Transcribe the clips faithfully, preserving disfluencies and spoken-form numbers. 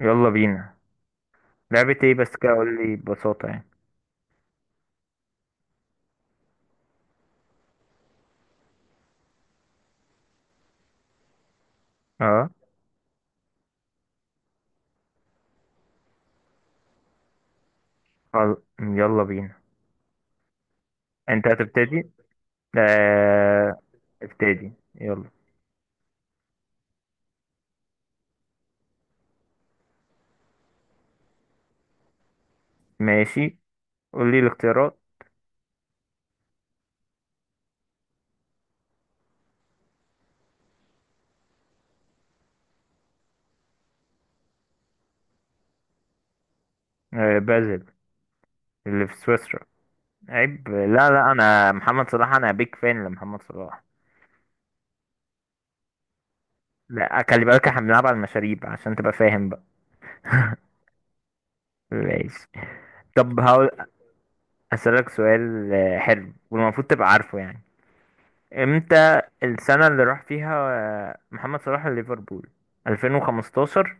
يلا بينا. لعبة ايه بس كده؟ قول لي ببساطة يعني. اه خل... يلا بينا. انت هتبتدي. آه... ابتدي يلا. ماشي، قول لي الاختيارات. آه بازل، اللي في سويسرا. عيب، لا لا، انا محمد صلاح، انا بيك فان لمحمد صلاح. لا، خلي بالك احنا بنلعب على المشاريب عشان تبقى فاهم بقى. ماشي. طب هقول اسألك سؤال. آه، حلو والمفروض تبقى عارفه يعني. امتى السنة اللي راح فيها آه، محمد صلاح ليفربول؟ ألفين وخمستاشر،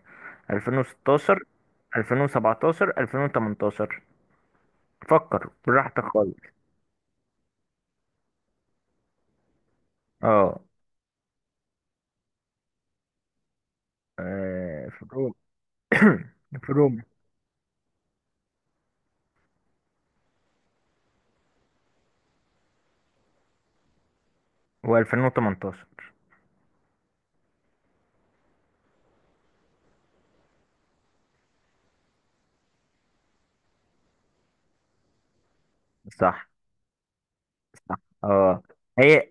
ألفين وستاشر، ألفين وسبعتاشر، ألفين وثمانية عشر. فكر براحتك خالص. اه. آه، في روما. في روما. و2018. صح صح. اه. هي.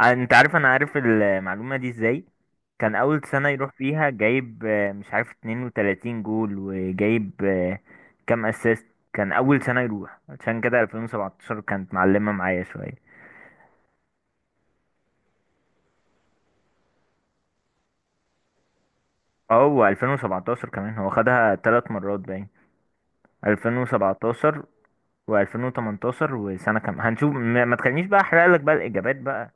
آه، انت عارف انا عارف المعلومة دي ازاي؟ كان اول سنة يروح فيها جايب آه، مش عارف اتنين وتلاتين جول، وجايب آه، كام اسيست. كان اول سنة يروح، عشان كده ألفين وسبعتاشر كانت معلمة معايا شوية. اه هو ألفين وسبعتاشر كمان هو خدها ثلاث مرات باين. ألفين وسبعة عشر و2018 وسنة كام هنشوف، ما ما تخلينيش بقى احرق لك بقى الاجابات بقى.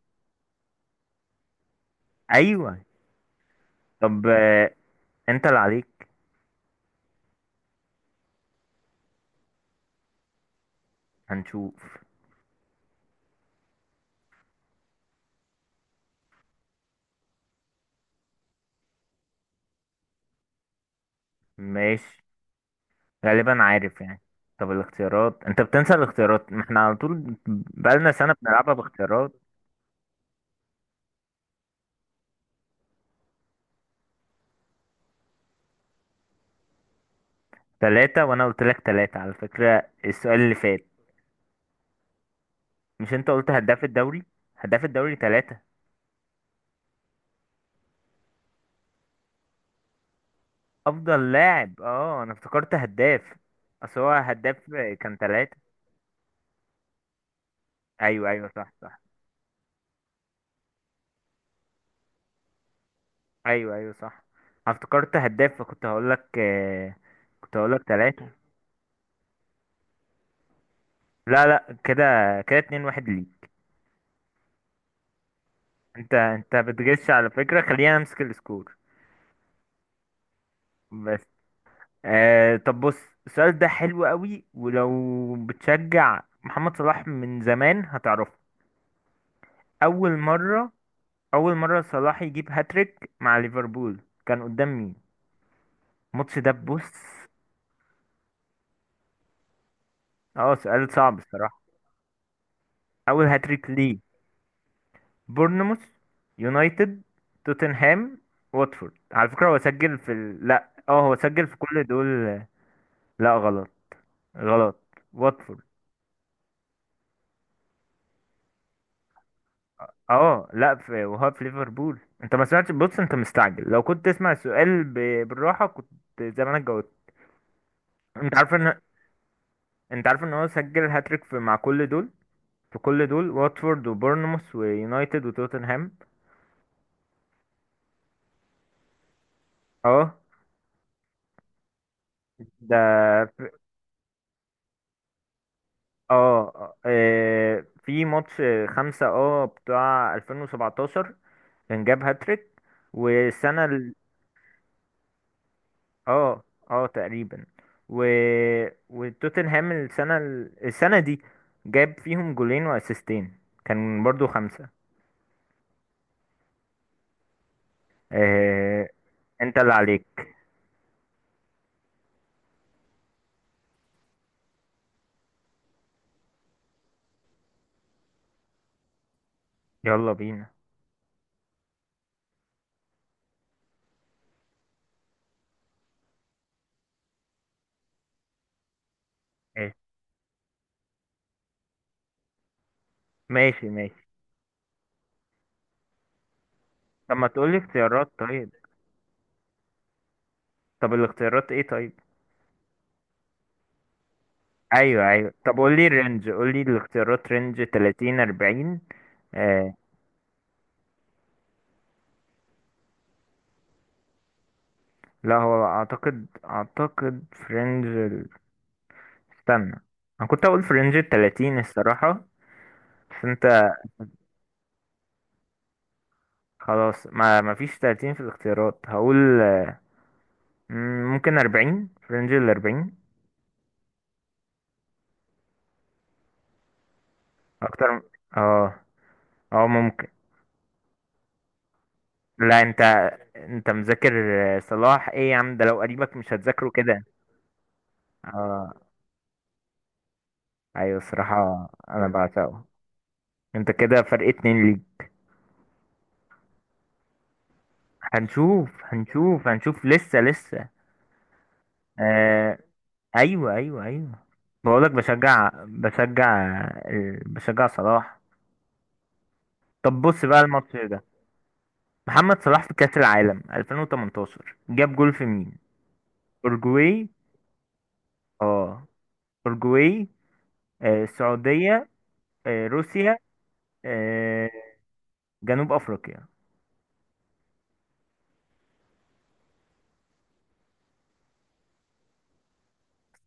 ايوه. طب آه، انت اللي عليك. هنشوف. ماشي، غالبا عارف يعني. طب الاختيارات، انت بتنسى الاختيارات، ما احنا على طول بقالنا سنة بنلعبها باختيارات. ثلاثة، وانا قلت لك ثلاثة على فكرة السؤال اللي فات. مش انت قلت هداف الدوري؟ هداف الدوري ثلاثة. افضل لاعب، اه انا افتكرت هداف. اصل هو هداف. كان ثلاثة. ايوه ايوه، صح صح. ايوه ايوه، صح. أنا افتكرت هداف، فكنت هقول لك آه، كنت هقول لك ثلاثة. لا لا، كده كده اتنين واحد ليك. انت انت بتغش على فكرة، خلينا امسك السكور. بس. آه طب بص، السؤال ده حلو قوي، ولو بتشجع محمد صلاح من زمان هتعرفه. اول مره اول مره صلاح يجيب هاتريك مع ليفربول كان قدام مين؟ الماتش ده، بص. اه، سؤال صعب الصراحه. اول هاتريك ليه. بورنموث، يونايتد، توتنهام، واتفورد. على فكره هو سجل في ال... لا، اه هو سجل في كل دول. لا، غلط غلط. واتفورد. اه، لا، في وهو في ليفربول. انت ما سمعتش، بص انت مستعجل، لو كنت تسمع السؤال ب... بالراحه، كنت زمانك جاوبت. انت عارف ان انت عارف ان هو سجل هاتريك في... مع كل دول. في كل دول، واتفورد وبورنموث ويونايتد وتوتنهام. اه. ده اه. آه، آه، في ماتش خمسة، اه، بتاع ألفين وسبعة عشر، كان جاب هاتريك. والسنة، اه. اه تقريبا. و... وتوتنهام السنة، السنة دي جاب فيهم جولين واسيستين، كان برضو خمسة. آه... انت اللي عليك. يلا بينا. ايه؟ ماشي ماشي. طب ما تقولي اختيارات طيب. طب الاختيارات ايه طيب؟ ايوه ايوه، طب قولي الرينج، قولي الاختيارات، رينج تلاتين اربعين. آه... لا هو اعتقد، اعتقد في رينج ال- استنى، انا كنت اقول في رينج ال ثلاثين الصراحة. بس انت خلاص، ما ما فيش تلاتين في الاختيارات، هقول مم، ممكن اربعين، في رينج ال أربعين. اكتر م- اه. اه ممكن. لا، انت انت مذاكر. آه، صلاح ايه يا عم، ده لو قريبك مش هتذاكره كده. اه ايوه الصراحة انا بعشقه. انت كده فرق اتنين ليك. هنشوف هنشوف هنشوف، لسه لسه. آه ايوه ايوه ايوه، بقولك بشجع بشجع، آه، بشجع صلاح. طب بص بقى الماتش ده، محمد صلاح في كأس العالم ألفين وتمنتاشر جاب جول في مين؟ أورجواي. اه. أورجواي، آه، السعودية، آه، روسيا، آه، جنوب أفريقيا.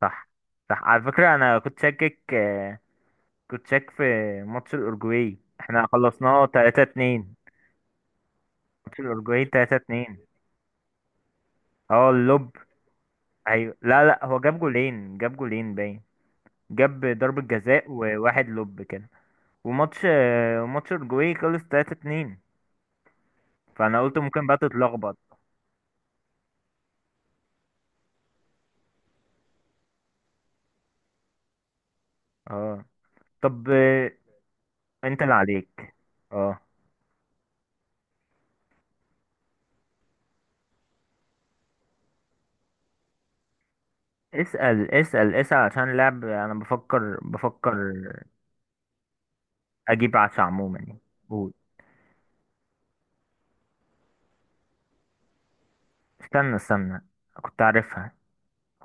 صح صح. على فكرة أنا كنت شاكك، آه، كنت شاك في ماتش الأورجواي، احنا خلصناه ثلاثة اثنين. ماتش الأورجواي تلاتة اتنين، اه اللوب. أيوة، لا لا هو جاب جولين، جاب جولين باين. جاب ضربة جزاء وواحد لوب كده. وماتش آه، ماتش الأورجواي خلص تلاتة اتنين، فانا قلت ممكن بقى تتلخبط. اه. طب آه، انت اللي عليك. اه اسأل اسأل اسأل، عشان اللعب انا بفكر بفكر. اجيب عشا عموما يعني. قول. استنى استنى، كنت عارفها.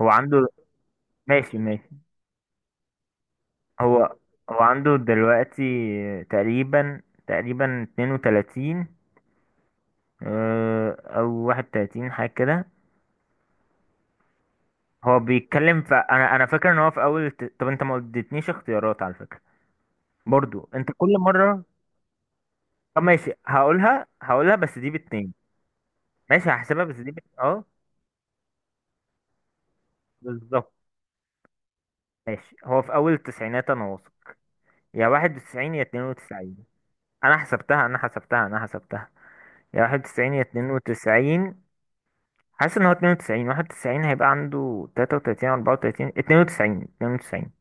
هو عنده. ماشي ماشي. هو هو عنده دلوقتي تقريبا تقريبا اثنين وثلاثين، آه، او واحد وتلاتين حاجة كده. هو بيتكلم ف... انا انا فاكر ان هو في اول الت- طب انت ما اديتنيش اختيارات على فكرة، برضو انت كل مرة. طب ماشي، هقولها هقولها، بس دي باتنين. ماشي هحسبها، بس دي بت... اه، بالظبط. ماشي، هو في اول التسعينات انا واثق، يا واحد وتسعين يا اتنين وتسعين. انا حسبتها انا حسبتها انا حسبتها، يا واحد وتسعين يا اتنين وتسعين. حاسس ان هو اتنين وتسعين، واحد وتسعين هيبقى عنده تلاتة وتلاتين أربعة وتلاتين، اتنين وتسعين، اتنين وتسعين.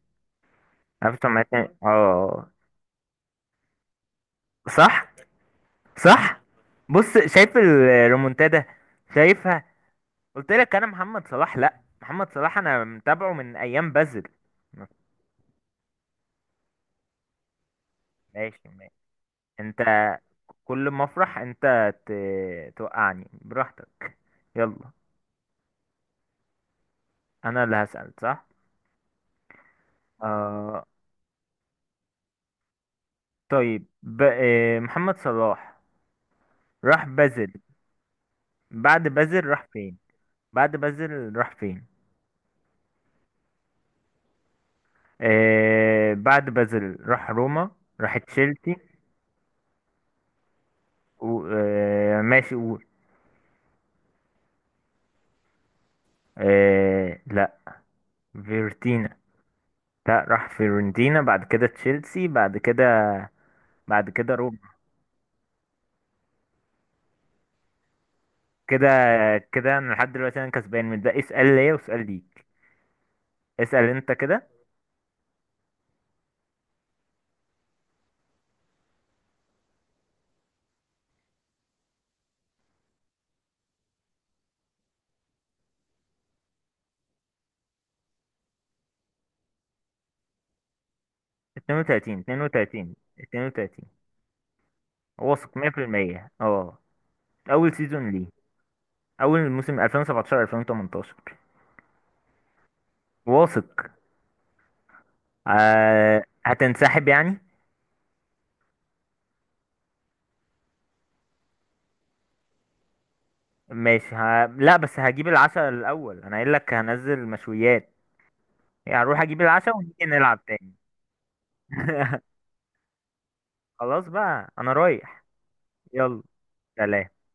عارف طب ما اتنين- اه. صح صح. بص شايف الريمونتادا، شايفها؟ قلت لك انا محمد صلاح، لا محمد صلاح انا متابعه من ايام بازل. ماشي ماشي. انت كل ما افرح انت ت- توقعني، براحتك. يلا. انا اللي هسأل، صح؟ آه طيب ب... آه، محمد صلاح راح بازل. بعد بازل راح فين؟ بعد بازل راح فين؟ آه بعد بازل راح روما، راح تشيلسي و... آه ماشي قول. آه لا، فيورتينا. لا راح فيورنتينا، بعد كده تشيلسي، بعد كده بعد كده روما. كده كده انا لحد دلوقتي انا كسبان من ده، اسأل ليا واسأل ليك. اسأل انت كده. اتنين وتلاتين، اتنين وتلاتين، اثنين وثلاثين، واثق ميه في الميه. اه اول سيزون ليه. اول موسم ألفين وسبعتاشر ألفين وتمنتاشر. واثق. آه هتنسحب يعني؟ ماشي ه... لا بس هجيب العشاء الاول، انا قايل لك هنزل مشويات، يعني هروح اجيب العشاء ونيجي نلعب تاني. خلاص بقى انا رايح. يلا. سلام.